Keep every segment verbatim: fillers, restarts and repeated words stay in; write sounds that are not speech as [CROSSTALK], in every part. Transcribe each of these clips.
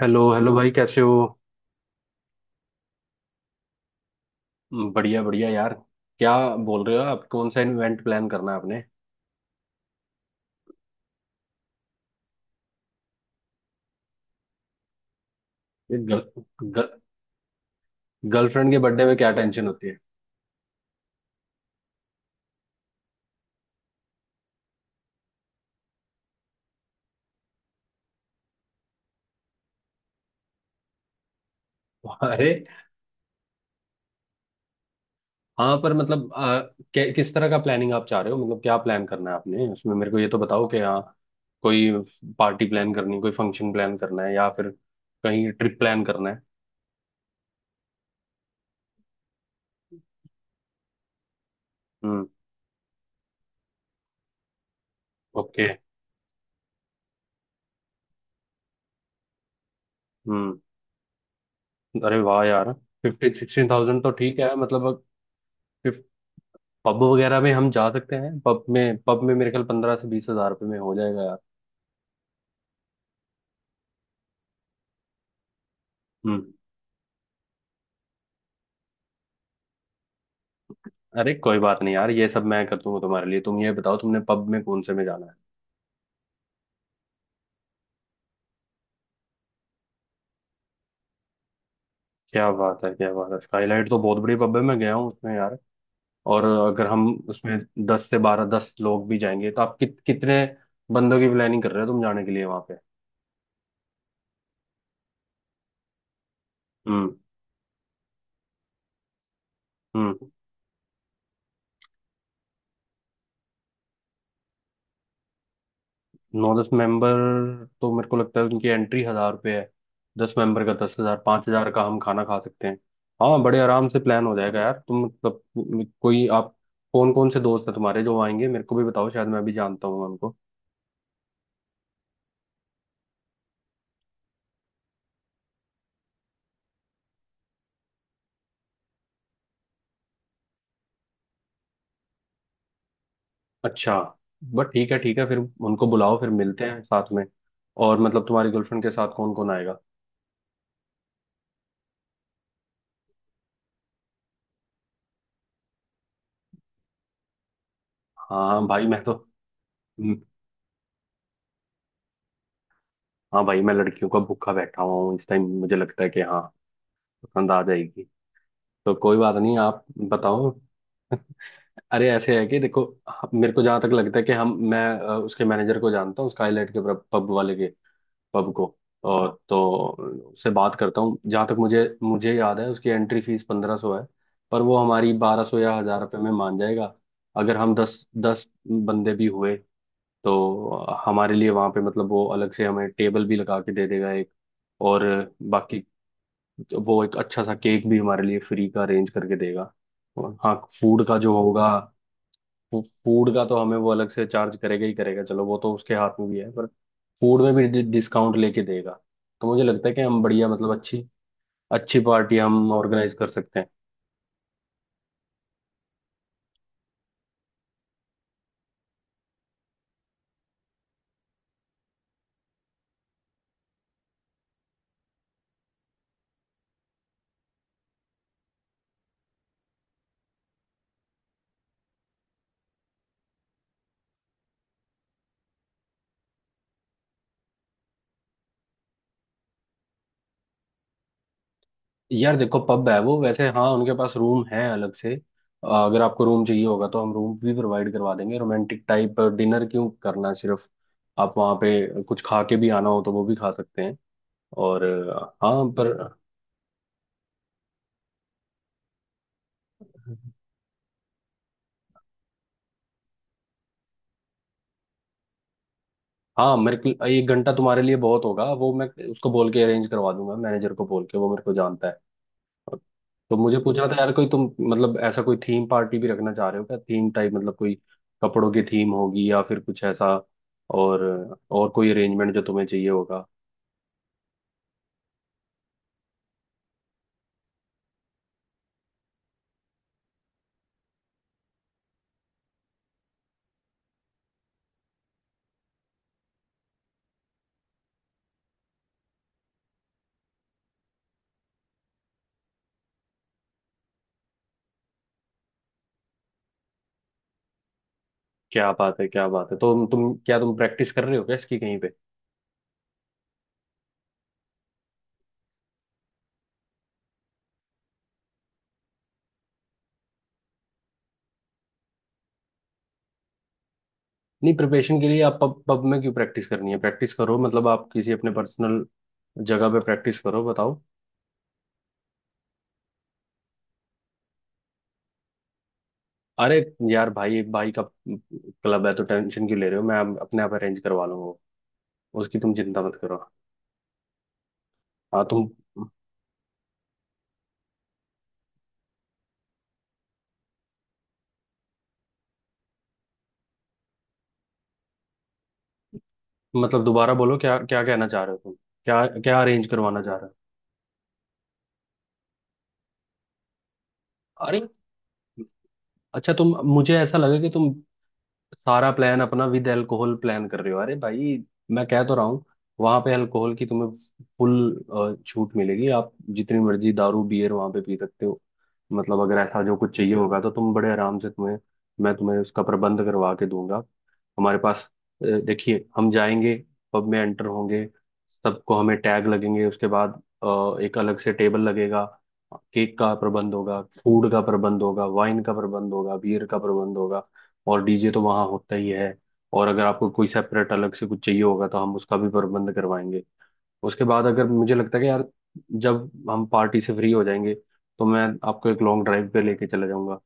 Hello hello भाई कैसे हो। बढ़िया बढ़िया यार। क्या बोल रहे हो आप? कौन सा इवेंट प्लान करना है आपने? ये गर्ल गर्लफ्रेंड के बर्थडे में क्या टेंशन होती है? [LAUGHS] अरे हाँ, पर मतलब आ, कै- किस तरह का प्लानिंग आप चाह रहे हो? मतलब क्या प्लान करना है आपने उसमें, मेरे को ये तो बताओ कि हाँ, कोई पार्टी प्लान करनी, कोई फंक्शन प्लान करना है या फिर कहीं ट्रिप प्लान करना है? हम्म। ओके। हम्म। अरे वाह यार, फिफ्टी सिक्सटीन थाउजेंड तो ठीक है, मतलब फिफ्टी पब वगैरह में हम जा सकते हैं। पब में, पब में मेरे ख्याल पंद्रह से बीस हजार रुपये में हो जाएगा यार। हम्म। अरे कोई बात नहीं यार, ये सब मैं कर दूंगा तुम्हारे लिए। तुम ये बताओ, तुमने पब में कौन से में जाना है? क्या बात है, क्या बात है। स्काईलाइट तो बहुत बड़ी पब है, मैं गया हूँ उसमें यार। और अगर हम उसमें दस से बारह, दस लोग भी जाएंगे तो आप कित, कितने बंदों की प्लानिंग कर रहे हो तुम जाने के लिए वहां पे? हम्म। हम्म। नौ दस मेंबर, तो मेरे को लगता है उनकी एंट्री हजार रुपये है। दस मेंबर का दस हजार, पाँच हजार का हम खाना खा सकते हैं। हाँ, बड़े आराम से प्लान हो जाएगा यार। तुम मतलब म- कोई आप कौन कौन से दोस्त हैं तुम्हारे जो आएंगे, मेरे को भी बताओ, शायद मैं भी जानता हूँ उनको। अच्छा, बट ठीक है ठीक है, फिर उनको बुलाओ, फिर मिलते हैं साथ में। और मतलब तुम्हारी गर्लफ्रेंड के साथ कौन कौन आएगा? हाँ भाई मैं तो, हम्म, हाँ भाई मैं लड़कियों का भूखा बैठा हुआ हूँ इस टाइम। मुझे लगता है कि हाँ पसंद आ जाएगी। तो कोई बात नहीं, आप बताओ। [LAUGHS] अरे ऐसे है कि देखो, ह- मेरे को जहां तक लगता है कि हम मैं अ, उसके मैनेजर को जानता हूँ, स्काईलाइट के पब वाले के, पब को। और तो उससे बात करता हूँ, जहां तक मुझे मुझे याद है उसकी एंट्री फीस पंद्रह सौ है, पर वो हमारी बारह सौ या हजार रुपये में मान जाएगा। अगर हम दस दस बंदे भी हुए तो हमारे लिए वहां पे मतलब वो अलग से हमें टेबल भी लगा के दे देगा एक। और बाकी वो एक अच्छा सा केक भी हमारे लिए फ्री का अरेंज करके देगा। और हाँ, फूड का जो होगा, फूड का तो हमें वो अलग से चार्ज करेगा ही करेगा, चलो वो तो उसके हाथ में भी है, पर फूड में भी डि- डिस्काउंट लेके देगा। तो मुझे लगता है कि हम बढ़िया, मतलब अच्छी अच्छी पार्टी हम ऑर्गेनाइज कर सकते हैं। यार देखो, पब है वो, वैसे हाँ उनके पास रूम है अलग से, अ, अगर आपको रूम चाहिए होगा तो हम रूम भी प्रोवाइड करवा देंगे। रोमांटिक टाइप डिनर क्यों करना सिर्फ, आप वहाँ पे कुछ खा के भी आना हो तो वो भी खा सकते हैं। और अ, हाँ पर, हाँ मेरे को एक घंटा तुम्हारे लिए बहुत होगा, वो मैं उसको बोल के अरेंज करवा दूंगा, मैनेजर को बोल के, वो मेरे को जानता है। तो मुझे पूछ रहा था यार, कोई तुम मतलब ऐसा कोई थीम पार्टी भी रखना चाह रहे हो क्या? थीम टाइप मतलब कोई कपड़ों की थीम होगी या फिर कुछ ऐसा, और और कोई अरेंजमेंट जो तुम्हें चाहिए होगा? क्या बात है, क्या बात है। तो तुम क्या तुम प्रैक्टिस कर रहे हो क्या इसकी कहीं पे? नहीं, प्रिपरेशन के लिए आप पब पब में क्यों प्रैक्टिस करनी है? प्रैक्टिस करो मतलब आप किसी अपने पर्सनल जगह पे प्रैक्टिस करो, बताओ। अरे यार, भाई भाई का क्लब है तो टेंशन क्यों ले रहे हो? मैं अप- अपने आप अरेंज करवा लूंगा वो। उसकी तुम चिंता मत करो। हाँ तुम मतलब दोबारा बोलो, क्या क्या कहना चाह रहे हो तुम? क्या क्या अरेंज करवाना चाह रहे हो? अरे, अच्छा तुम, मुझे ऐसा लगा कि तुम सारा प्लान अपना विद अल्कोहल प्लान कर रहे हो। अरे भाई मैं कह तो रहा हूँ, वहां पे अल्कोहल की तुम्हें फुल छूट मिलेगी। आप जितनी मर्जी दारू बियर वहां पे पी सकते हो। मतलब अगर ऐसा जो कुछ चाहिए होगा तो तुम बड़े आराम से, तुम्हें मैं तुम्हें उसका प्रबंध करवा के दूंगा। हमारे पास, अ, देखिए हम जाएंगे, पब में एंटर होंगे, सबको हमें टैग लगेंगे, उसके बाद अ, एक अलग से टेबल लगेगा, केक का प्रबंध होगा, फूड का प्रबंध होगा, वाइन का प्रबंध होगा, बियर का प्रबंध होगा। और डीजे तो वहाँ होता ही है। और अगर आपको कोई सेपरेट अलग से कुछ चाहिए होगा तो हम उसका भी प्रबंध करवाएंगे। उसके बाद अगर मुझे लगता है कि यार, जब हम पार्टी से फ्री हो जाएंगे तो मैं आपको एक लॉन्ग ड्राइव पे लेके चला जाऊंगा,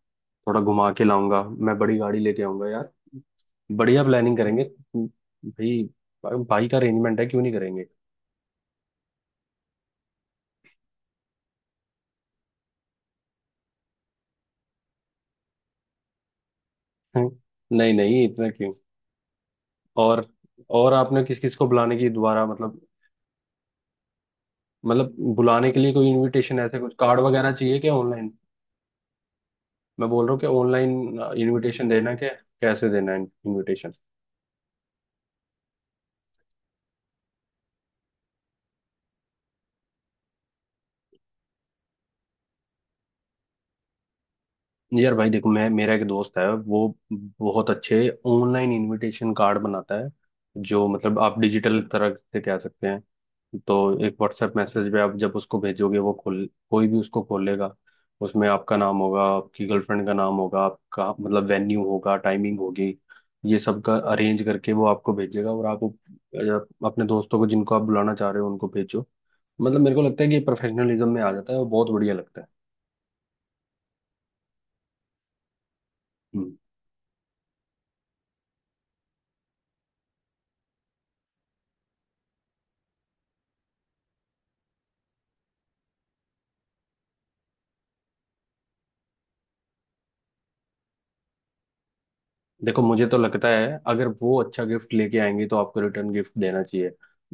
थोड़ा घुमा के लाऊंगा, मैं बड़ी गाड़ी लेके आऊंगा यार, बढ़िया प्लानिंग करेंगे। भाई भाई का अरेंजमेंट है, क्यों नहीं करेंगे? [LAUGHS] हम्म, नहीं नहीं इतना क्यों। और और आपने किस किस को बुलाने की दोबारा, मतलब मतलब बुलाने के लिए कोई इनविटेशन ऐसे कुछ कार्ड वगैरह चाहिए क्या ऑनलाइन? मैं बोल रहा हूँ कि ऑनलाइन इनविटेशन देना क्या, कैसे देना है इनविटेशन? यार भाई देखो, मैं, मेरा एक दोस्त है वो बहुत अच्छे ऑनलाइन इनविटेशन कार्ड बनाता है, जो मतलब आप डिजिटल तरह से कह सकते हैं। तो एक व्हाट्सएप मैसेज पे आप जब उसको भेजोगे, वो खोल, कोई भी उसको खोलेगा उसमें आपका नाम होगा, आपकी गर्लफ्रेंड का नाम होगा, आपका मतलब वेन्यू होगा, टाइमिंग होगी, ये सब का अरेंज करके वो आपको भेजेगा। और आप अ, अपने दोस्तों को जिनको आप बुलाना चाह रहे हो उनको भेजो। मतलब मेरे को लगता है कि प्रोफेशनलिज्म में आ जाता है और बहुत बढ़िया लगता है। हम्म। देखो, मुझे तो लगता है अगर वो अच्छा गिफ्ट लेके आएंगे तो आपको रिटर्न गिफ्ट देना चाहिए।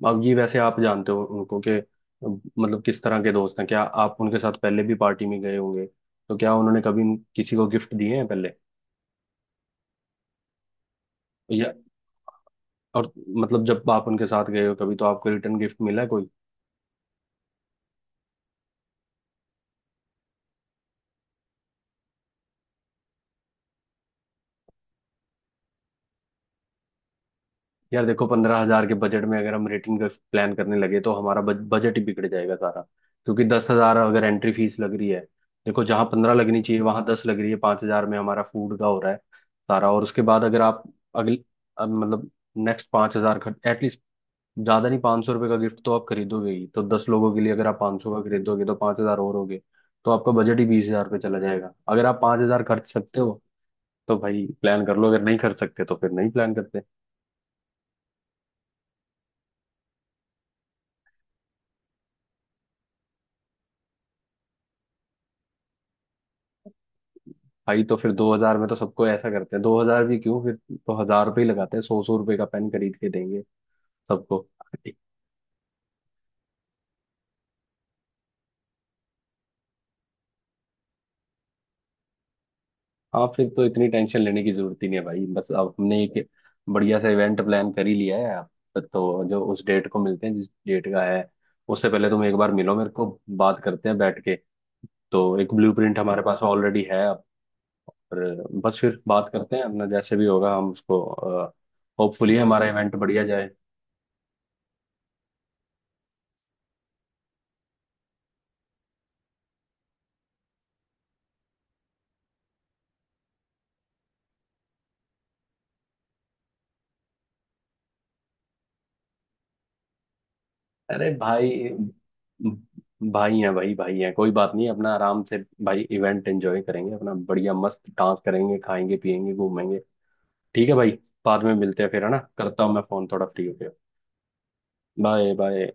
अब ये वैसे आप जानते हो उनको कि मतलब किस तरह के दोस्त हैं। क्या आप उनके साथ पहले भी पार्टी में गए होंगे, तो क्या उन्होंने कभी किसी को गिफ्ट दिए हैं पहले? या, और मतलब जब आप उनके साथ गए हो कभी, तो आपको रिटर्न गिफ्ट मिला है कोई? यार देखो, पंद्रह हजार के बजट में अगर हम रेटिंग का प्लान करने लगे तो हमारा बज, बजट ही बिगड़ जाएगा सारा, क्योंकि दस हजार अगर एंट्री फीस लग रही है। देखो, जहाँ पंद्रह लगनी चाहिए वहां दस लग रही है, पांच हजार में हमारा फूड का हो रहा है सारा। और उसके बाद अगर आप, अगले, अब मतलब नेक्स्ट पांच हजार खर्च एटलीस्ट, ज्यादा नहीं पाँच सौ रुपये का गिफ्ट तो आप खरीदोगे ही, तो दस लोगों के लिए अगर आप पाँच सौ का खरीदोगे तो पाँच हजार और हो गए। तो आपका बजट ही बीस हजार पे चला जाएगा। अगर आप पाँच हजार खर्च सकते हो तो भाई प्लान कर लो, अगर नहीं खर्च सकते तो फिर नहीं प्लान करते। भाई तो फिर दो हजार में तो सबको, ऐसा करते हैं दो हजार भी क्यों फिर, तो हजार रुपये ही लगाते हैं, सौ सौ रुपये का पेन खरीद के देंगे सबको। हाँ फिर तो इतनी टेंशन लेने की जरूरत ही नहीं है भाई। बस अब हमने एक बढ़िया सा इवेंट प्लान कर ही लिया है अब, तो तो जो उस डेट को मिलते हैं जिस डेट का है, उससे पहले तुम एक बार मिलो मेरे को, बात करते हैं बैठ के, तो एक ब्लूप्रिंट हमारे पास ऑलरेडी है अब। पर बस फिर बात करते हैं, अपना जैसे भी होगा हम उसको, होपफुली हमारा इवेंट बढ़िया जाए। अरे भाई, भाई हैं, भाई भाई हैं, कोई बात नहीं, अपना आराम से भाई इवेंट एंजॉय करेंगे, अपना बढ़िया मस्त डांस करेंगे, खाएंगे, पिएंगे, घूमेंगे। ठीक है भाई, बाद में मिलते हैं फिर, है ना, करता हूँ मैं फोन, थोड़ा फ्री हो गया। Bye bye.